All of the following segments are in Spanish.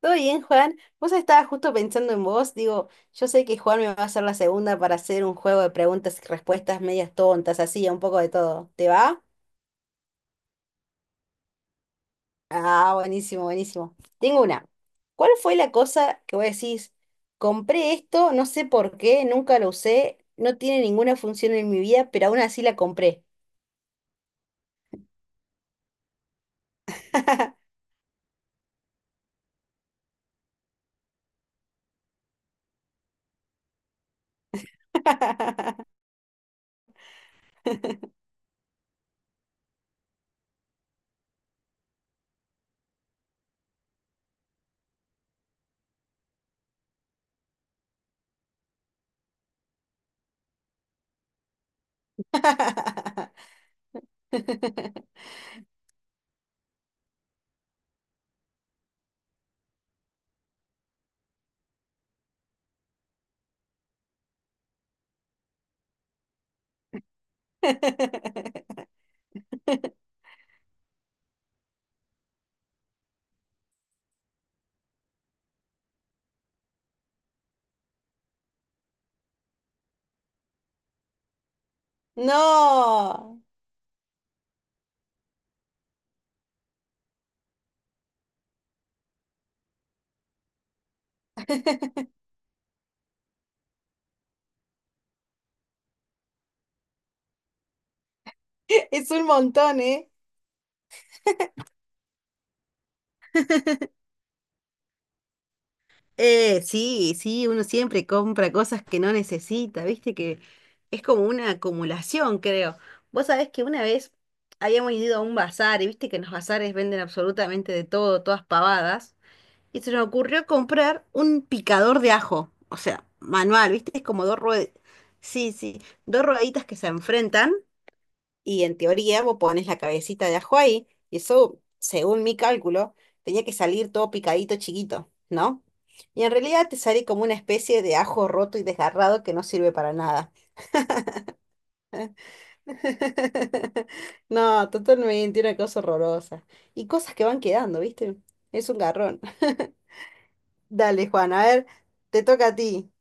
Todo bien, Juan. Vos estaba justo pensando en vos. Digo, yo sé que Juan me va a hacer la segunda para hacer un juego de preguntas y respuestas medias tontas, así, un poco de todo. ¿Te va? Ah, buenísimo, buenísimo. Tengo una. ¿Cuál fue la cosa que vos decís? Compré esto, no sé por qué, nunca lo usé, no tiene ninguna función en mi vida, pero aún así la compré. No, es un montón, ¿eh? Sí, sí, uno siempre compra cosas que no necesita, viste que es como una acumulación, creo. Vos sabés que una vez habíamos ido a un bazar y viste que en los bazares venden absolutamente de todo, todas pavadas, y se nos ocurrió comprar un picador de ajo, o sea, manual, viste, es como dos ruedas, sí, sí, dos rueditas que se enfrentan y en teoría vos pones la cabecita de ajo ahí, y eso, según mi cálculo, tenía que salir todo picadito chiquito, ¿no? Y en realidad te sale como una especie de ajo roto y desgarrado que no sirve para nada. No, totalmente, una cosa horrorosa. Y cosas que van quedando, ¿viste? Es un garrón. Dale, Juan, a ver, te toca a ti.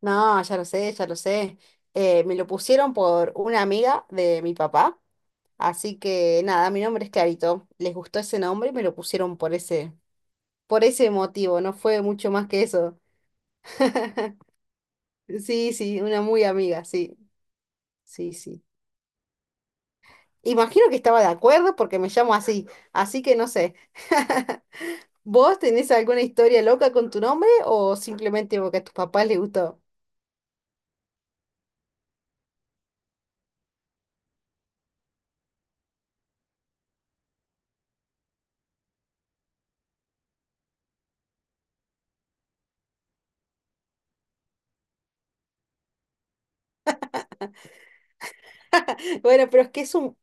No, ya lo sé, ya lo sé. Me lo pusieron por una amiga de mi papá. Así que nada, mi nombre es Clarito. Les gustó ese nombre y me lo pusieron por ese motivo. No fue mucho más que eso. Sí, sí, una muy amiga, sí, sí, sí. Imagino que estaba de acuerdo porque me llamo así, así que no sé. ¿Vos tenés alguna historia loca con tu nombre o simplemente porque a tus papás les gustó? Bueno, pero es que es un...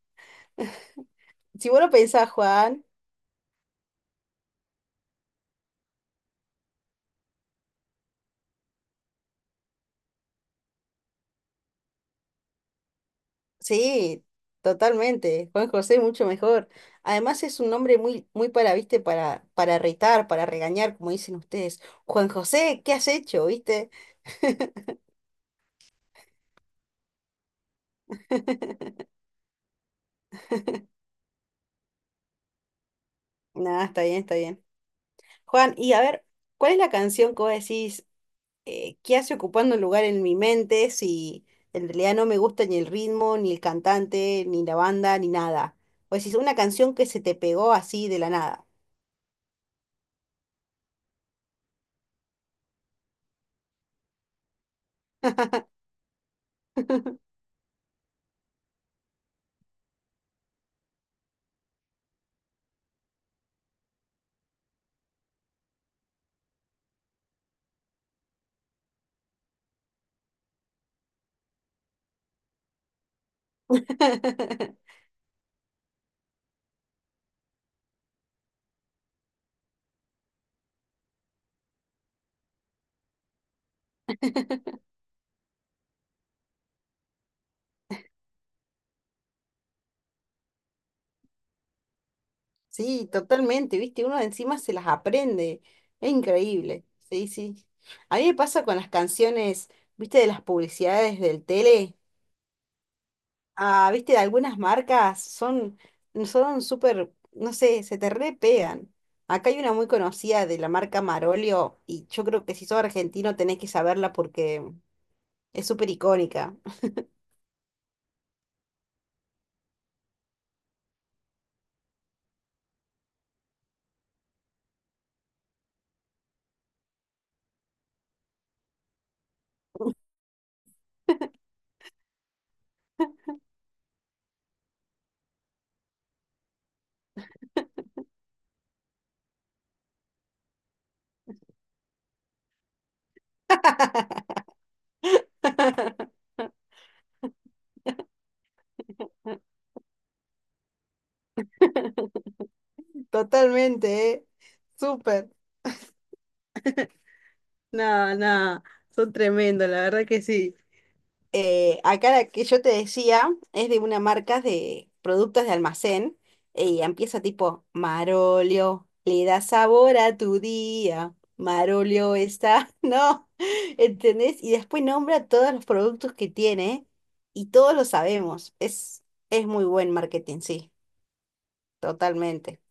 Si vos lo pensás, Juan. Sí, totalmente. Juan José mucho mejor. Además es un nombre muy, muy viste, para retar, para regañar, como dicen ustedes. Juan José, ¿qué has hecho? ¿Viste? Nada, está bien, está bien. Juan, y a ver, ¿cuál es la canción que vos decís que hace ocupando un lugar en mi mente si en realidad no me gusta ni el ritmo, ni el cantante, ni la banda, ni nada? O decís, una canción que se te pegó así de la nada. Sí, totalmente, viste, uno encima se las aprende, es increíble, sí, sí. A mí me pasa con las canciones, viste, de las publicidades del tele, ah, viste, de algunas marcas son súper, no sé, se te re pegan. Acá hay una muy conocida de la marca Marolio y yo creo que si sos argentino tenés que saberla porque es súper icónica. Totalmente, ¿eh? Súper. Nada, nada, son tremendos, la verdad que sí. Acá la que yo te decía es de una marca de productos de almacén y empieza tipo, Marolio, le da sabor a tu día, Marolio está, no, ¿entendés? Y después nombra todos los productos que tiene y todos lo sabemos. Es muy buen marketing, sí, totalmente.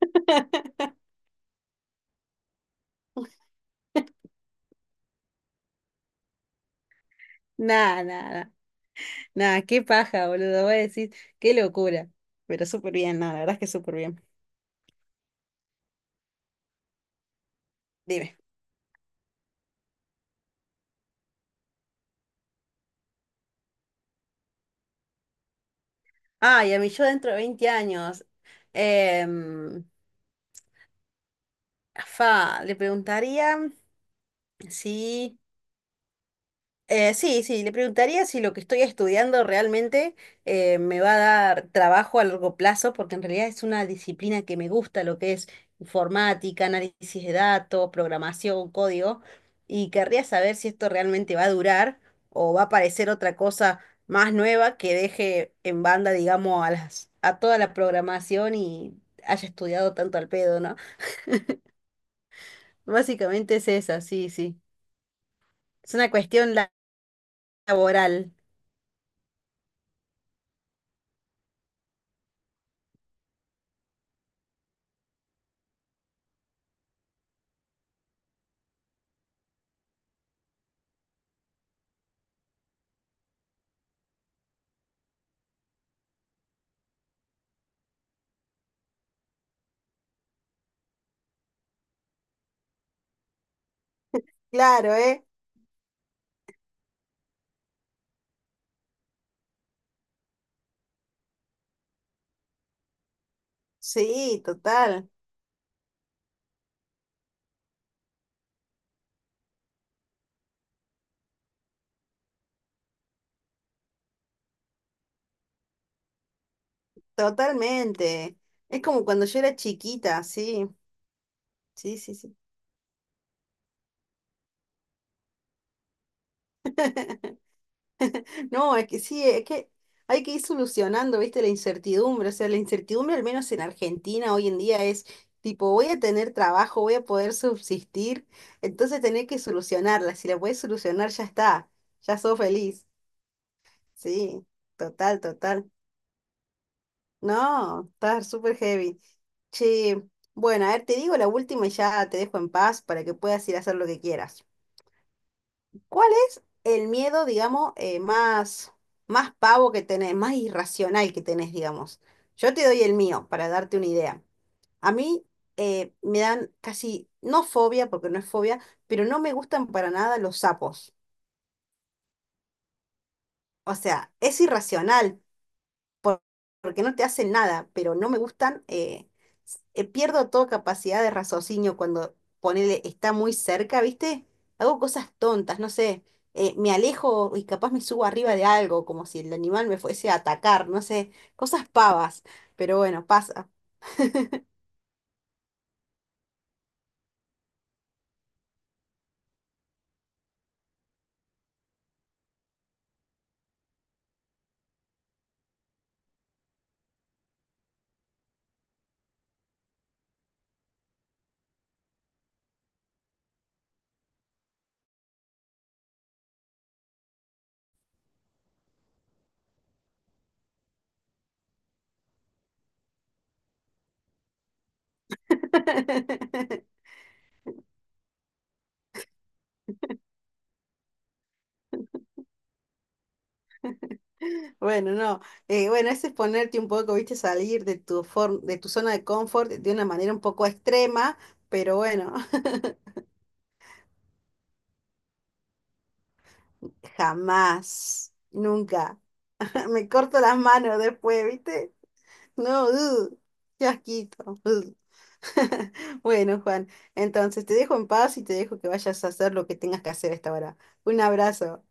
Nada, nada, Nada, qué paja, boludo. Voy a decir, qué locura. Pero súper bien, nada, la verdad es que súper bien. Dime. Ay, a mí yo dentro de 20 años. em, Le preguntaría si sí, sí, le preguntaría si lo que estoy estudiando realmente me va a dar trabajo a largo plazo, porque en realidad es una disciplina que me gusta, lo que es informática, análisis de datos, programación, código, y querría saber si esto realmente va a durar o va a aparecer otra cosa más nueva que deje en banda, digamos, a toda la programación y haya estudiado tanto al pedo, ¿no? Básicamente es esa, sí, sí. Es una cuestión laboral. Claro, ¿eh? Sí, total, totalmente. Es como cuando yo era chiquita, sí, sí, sí, sí. No, es que sí, es que hay que ir solucionando, viste, la incertidumbre. O sea, la incertidumbre, al menos en Argentina hoy en día, es tipo, voy a tener trabajo, voy a poder subsistir, entonces tener que solucionarla. Si la puedes solucionar, ya está, ya sos feliz. Sí, total, total. No, está súper heavy. Che, bueno, a ver, te digo la última y ya te dejo en paz para que puedas ir a hacer lo que quieras. ¿Cuál es el miedo, digamos, más, más pavo que tenés, más irracional que tenés, digamos? Yo te doy el mío para darte una idea. A mí me dan casi, no fobia, porque no es fobia, pero no me gustan para nada los sapos. O sea, es irracional, por- porque no te hacen nada, pero no me gustan, pierdo toda capacidad de raciocinio cuando ponele está muy cerca, ¿viste? Hago cosas tontas, no sé, me alejo y capaz me subo arriba de algo, como si el animal me fuese a atacar, no sé, cosas pavas, pero bueno, pasa. Bueno, no. Bueno, ese es ponerte un poco, viste, salir de tu de tu zona de confort de una manera un poco extrema, pero bueno, jamás, nunca. Me corto las manos después, ¿viste? No, qué asquito. Bueno, Juan, entonces te dejo en paz y te dejo que vayas a hacer lo que tengas que hacer a esta hora. Un abrazo.